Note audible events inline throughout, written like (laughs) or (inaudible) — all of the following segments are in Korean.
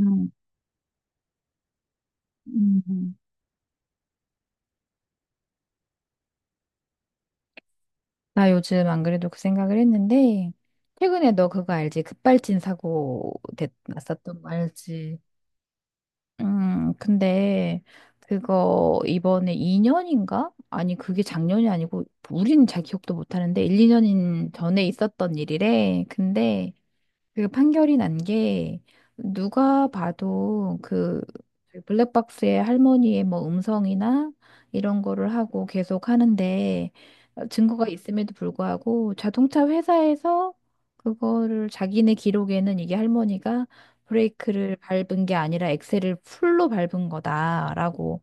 음, 음, 음. 나 요즘 안 그래도 그 생각을 했는데, 최근에 너 그거 알지? 급발진 사고 났었던 거 알지? 근데 그거 이번에 2년인가? 아니, 그게 작년이 아니고, 우리는 잘 기억도 못 하는데, 1, 2년 전에 있었던 일이래. 근데 그 판결이 난 게 누가 봐도 그 블랙박스의 할머니의 뭐 음성이나 이런 거를 하고 계속 하는데, 증거가 있음에도 불구하고 자동차 회사에서 그거를, 자기네 기록에는 이게 할머니가 브레이크를 밟은 게 아니라 엑셀을 풀로 밟은 거다라고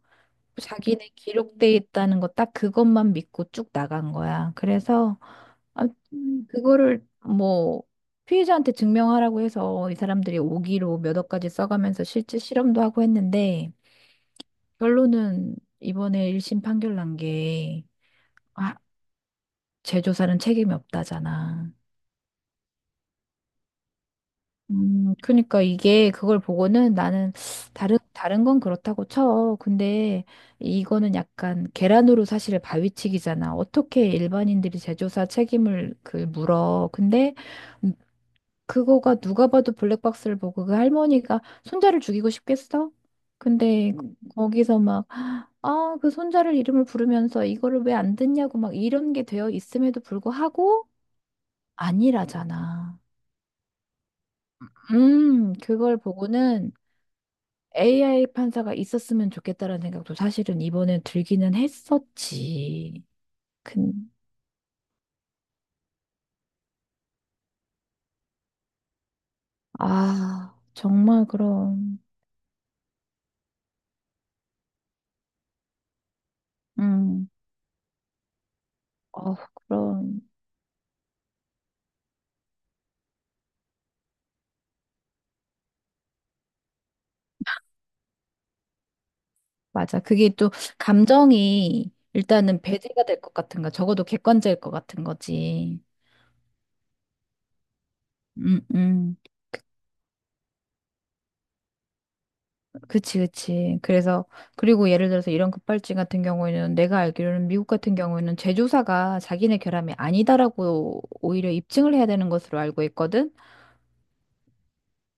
자기네 기록돼 있다는 거 딱 그것만 믿고 쭉 나간 거야. 그래서 아, 그거를 뭐 피해자한테 증명하라고 해서 이 사람들이 오기로 몇 억까지 써가면서 실제 실험도 하고 했는데, 결론은 이번에 1심 판결 난 게 아, 재조사는 책임이 없다잖아. 그러니까 이게 그걸 보고는 나는 다른 건 그렇다고 쳐. 근데 이거는 약간 계란으로 사실 바위치기잖아. 어떻게 일반인들이 제조사 책임을 그 물어. 근데 음, 그거가 누가 봐도 블랙박스를 보고 그 할머니가 손자를 죽이고 싶겠어? 근데 거기서 막 아, 그 손자를 이름을 부르면서 이거를 왜 안 듣냐고 막 이런 게 되어 있음에도 불구하고 아니라잖아. 그걸 보고는 AI 판사가 있었으면 좋겠다라는 생각도 사실은 이번에 들기는 했었지. 근, 정말 그럼, 음, 어, 그럼, 맞아. 그게 또 감정이 일단은 배제가 될 것 같은 거, 적어도 객관적일 것 같은 거지. 음, 음. 그치, 그치. 그래서, 그리고 예를 들어서 이런 급발진 같은 경우에는 내가 알기로는 미국 같은 경우에는 제조사가 자기네 결함이 아니다라고 오히려 입증을 해야 되는 것으로 알고 있거든.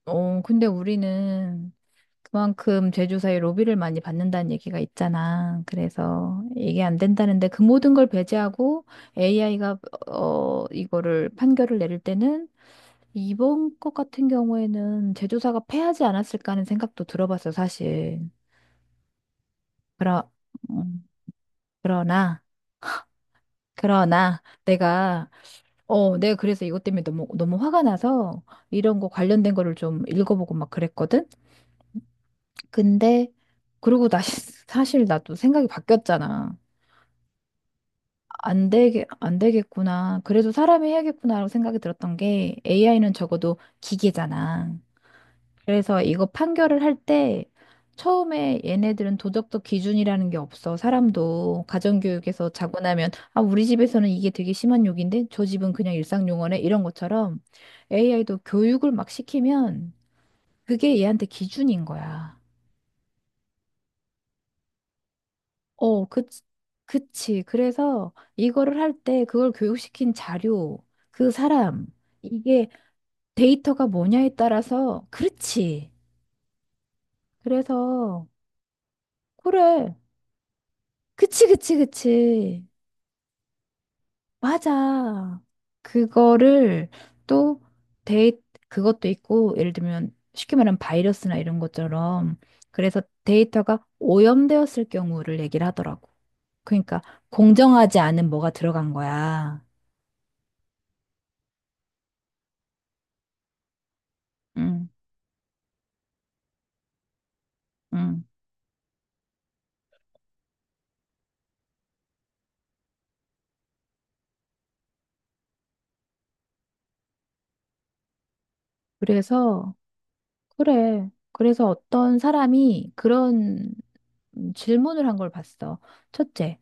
어, 근데 우리는 그만큼 제조사의 로비를 많이 받는다는 얘기가 있잖아. 그래서 이게 안 된다는데, 그 모든 걸 배제하고 AI가 이거를 판결을 내릴 때는, 이번 것 같은 경우에는 제조사가 패하지 않았을까 하는 생각도 들어봤어, 사실. 그러, 음, 그러나, 그러나 내가, 내가 그래서 이것 때문에 너무, 너무 화가 나서 이런 거 관련된 거를 좀 읽어보고 막 그랬거든? 근데 그리고 나 (laughs) 사실 나도 생각이 바뀌었잖아. 안 되겠구나. 그래도 사람이 해야겠구나라고 생각이 들었던 게, AI는 적어도 기계잖아. 그래서 이거 판결을 할 때, 처음에 얘네들은 도덕적 기준이라는 게 없어. 사람도 가정교육에서 자고 나면 아 우리 집에서는 이게 되게 심한 욕인데 저 집은 그냥 일상 용어네 이런 것처럼, AI도 교육을 막 시키면 그게 얘한테 기준인 거야. 어, 그치. 그래서 이거를 할 때 그걸 교육시킨 자료, 그 사람, 이게 데이터가 뭐냐에 따라서, 그렇지. 그래서, 그래. 그치, 그치, 그치. 맞아. 그거를 또 데이, 그것도 있고, 예를 들면 쉽게 말하면 바이러스나 이런 것처럼, 그래서 데이터가 오염되었을 경우를 얘기를 하더라고. 그러니까 공정하지 않은 뭐가 들어간 거야. 음. 음. 그래서, 그래. 그래서 어떤 사람이 그런 질문을 한 걸 봤어. 첫째.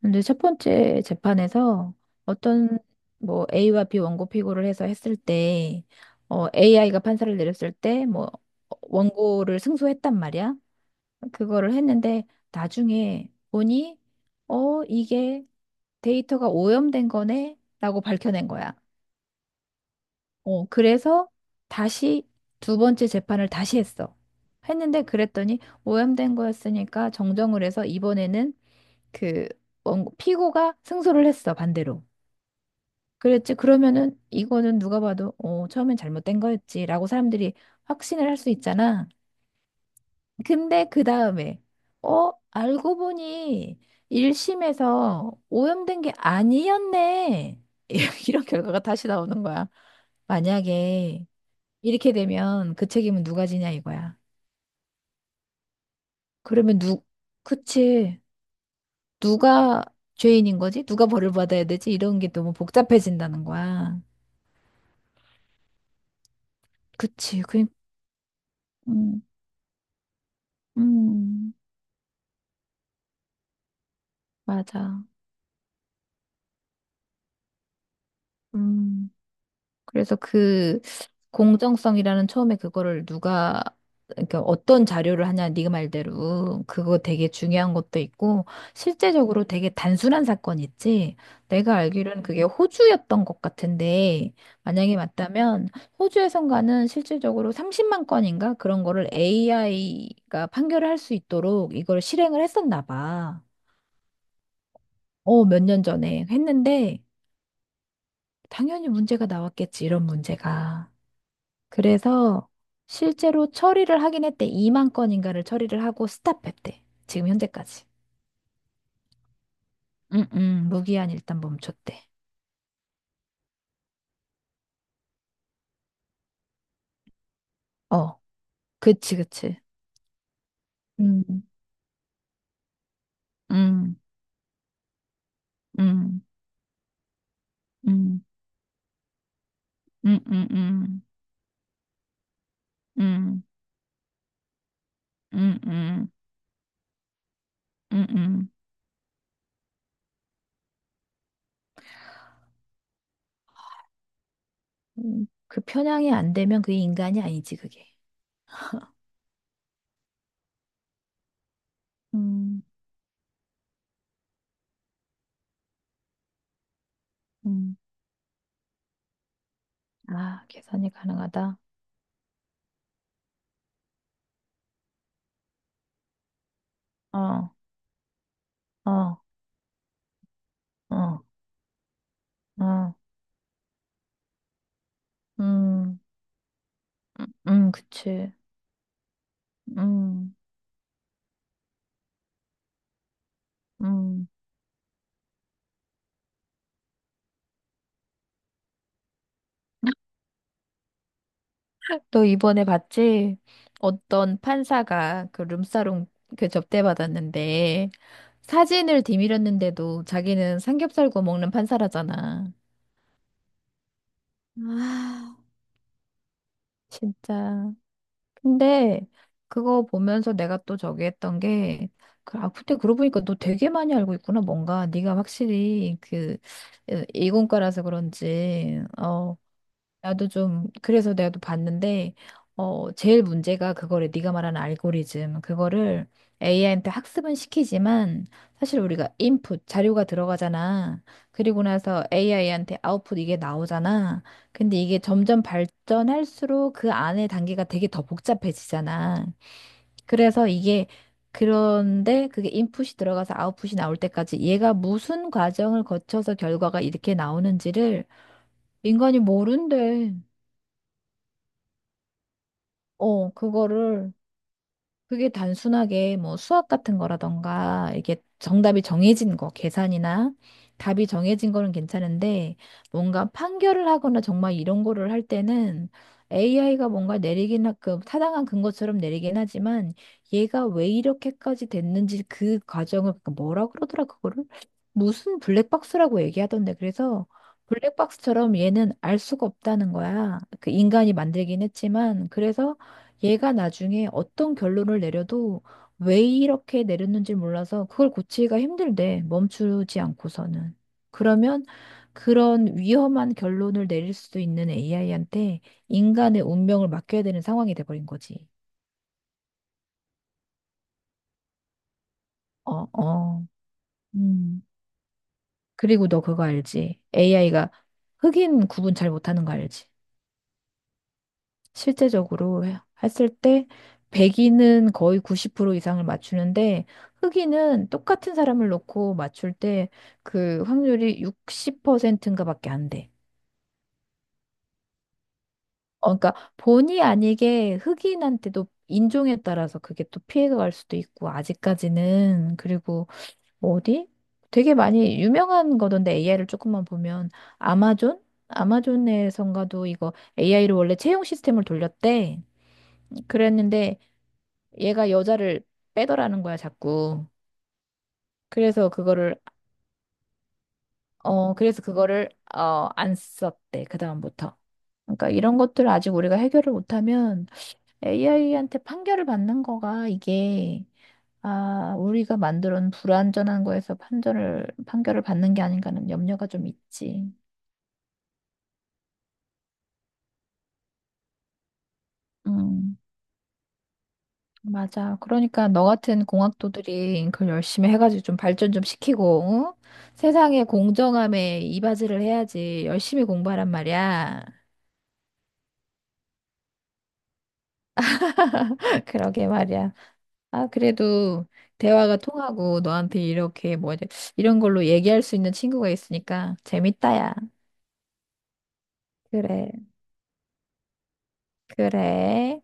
근데 첫 번째 재판에서 어떤 뭐 A와 B 원고 피고를 해서 했을 때, AI가 판사를 내렸을 때, 뭐, 원고를 승소했단 말이야. 그거를 했는데, 나중에 보니, 이게 데이터가 오염된 거네? 라고 밝혀낸 거야. 어, 그래서 다시 두 번째 재판을 다시 했어. 했는데 그랬더니 오염된 거였으니까 정정을 해서 이번에는 그 피고가 승소를 했어, 반대로. 그랬지. 그러면은 이거는 누가 봐도 처음엔 잘못된 거였지라고 사람들이 확신을 할 수 있잖아. 근데 그 다음에 알고 보니 1심에서 오염된 게 아니었네. (laughs) 이런 결과가 다시 나오는 거야. 만약에 이렇게 되면 그 책임은 누가 지냐 이거야. 그러면 그치. 누가 죄인인 거지? 누가 벌을 받아야 되지? 이런 게 너무 복잡해진다는 거야. 그치. 음, 음, 맞아. 음, 그래서 그, 공정성이라는, 처음에 그거를 누가, 그러니까 어떤 자료를 하냐, 네가 말대로 그거 되게 중요한 것도 있고, 실제적으로 되게 단순한 사건 있지. 내가 알기로는 그게 호주였던 것 같은데, 만약에 맞다면, 호주에선가는 실질적으로 30만 건인가 그런 거를 AI가 판결을 할 수 있도록 이걸 실행을 했었나 봐. 어, 몇 년 전에 했는데 당연히 문제가 나왔겠지, 이런 문제가. 그래서 실제로 처리를 하긴 했대. 2만 건인가를 처리를 하고 스탑했대. 지금 현재까지. 응, 응, 무기한 일단 멈췄대. 어, 그치, 그치. 음, 음, 음, 음, 음, 음, 음, 음, 음, 음, 음, 음. 그 편향이 안 되면 그게 인간이 아니지, 그게. 음, 음. 아, 계산이 가능하다. 어, 어, 어, 어, 음, 그치. 음, 음. 너 이번에 봤지? 어떤 판사가 그 룸사롱 그 접대받았는데 사진을 뒤밀었는데도 자기는 삼겹살 구워 먹는 판사라잖아. 아, 진짜. 근데 그거 보면서 내가 또 저기 했던 게, 근데 그러고 보니까 너 되게 많이 알고 있구나. 뭔가 네가 확실히 그 이공과라서 그런지, 나도 좀 그래서 가도 봤는데, 제일 문제가 그거를 네가 말하는 알고리즘, 그거를 AI한테 학습은 시키지만, 사실 우리가 인풋 자료가 들어가잖아. 그리고 나서 AI한테 아웃풋 이게 나오잖아. 근데 이게 점점 발전할수록 그 안에 단계가 되게 더 복잡해지잖아. 그래서 이게, 그런데 그게 인풋이 들어가서 아웃풋이 나올 때까지 얘가 무슨 과정을 거쳐서 결과가 이렇게 나오는지를 인간이 모른대. 어, 그게 단순하게 뭐 수학 같은 거라던가, 이게 정답이 정해진 거, 계산이나 답이 정해진 거는 괜찮은데, 뭔가 판결을 하거나 정말 이런 거를 할 때는 AI가 뭔가 내리긴, 그 타당한 근거처럼 내리긴 하지만, 얘가 왜 이렇게까지 됐는지 그 과정을, 그 뭐라 그러더라, 그거를? 무슨 블랙박스라고 얘기하던데, 그래서, 블랙박스처럼 얘는 알 수가 없다는 거야. 그 인간이 만들긴 했지만, 그래서 얘가 나중에 어떤 결론을 내려도 왜 이렇게 내렸는지 몰라서 그걸 고치기가 힘들대. 멈추지 않고서는. 그러면 그런 위험한 결론을 내릴 수도 있는 AI한테 인간의 운명을 맡겨야 되는 상황이 돼버린 거지. 어, 어. 음. 그리고 너 그거 알지? AI가 흑인 구분 잘 못하는 거 알지? 실제적으로 했을 때 백인은 거의 90% 이상을 맞추는데, 흑인은 똑같은 사람을 놓고 맞출 때 그 확률이 60%인가 밖에 안 돼. 어, 그러니까 본의 아니게 흑인한테도 인종에 따라서 그게 또 피해가 갈 수도 있고, 아직까지는. 그리고 뭐 어디? 되게 많이 유명한 거던데 AI를 조금만 보면, 아마존? 아마존에선가도 이거 AI로 원래 채용 시스템을 돌렸대. 그랬는데 얘가 여자를 빼더라는 거야, 자꾸. 그래서 그거를, 그래서 그거를, 안 썼대, 그다음부터. 그러니까 이런 것들을 아직 우리가 해결을 못하면 AI한테 판결을 받는 거가 이게, 우리가 만들어 놓은 불완전한 거에서 판결을 받는 게 아닌가 하는 염려가 좀 있지. 음. 맞아. 그러니까 너 같은 공학도들이 그걸 열심히 해가지고 좀 발전 좀 시키고, 응? 세상의 공정함에 이바지를 해야지. 열심히 공부하란 말이야. (laughs) 그러게 말이야. 그래도 대화가 통하고 너한테 이렇게 뭐 이제 이런 걸로 얘기할 수 있는 친구가 있으니까 재밌다야. 그래, 그래.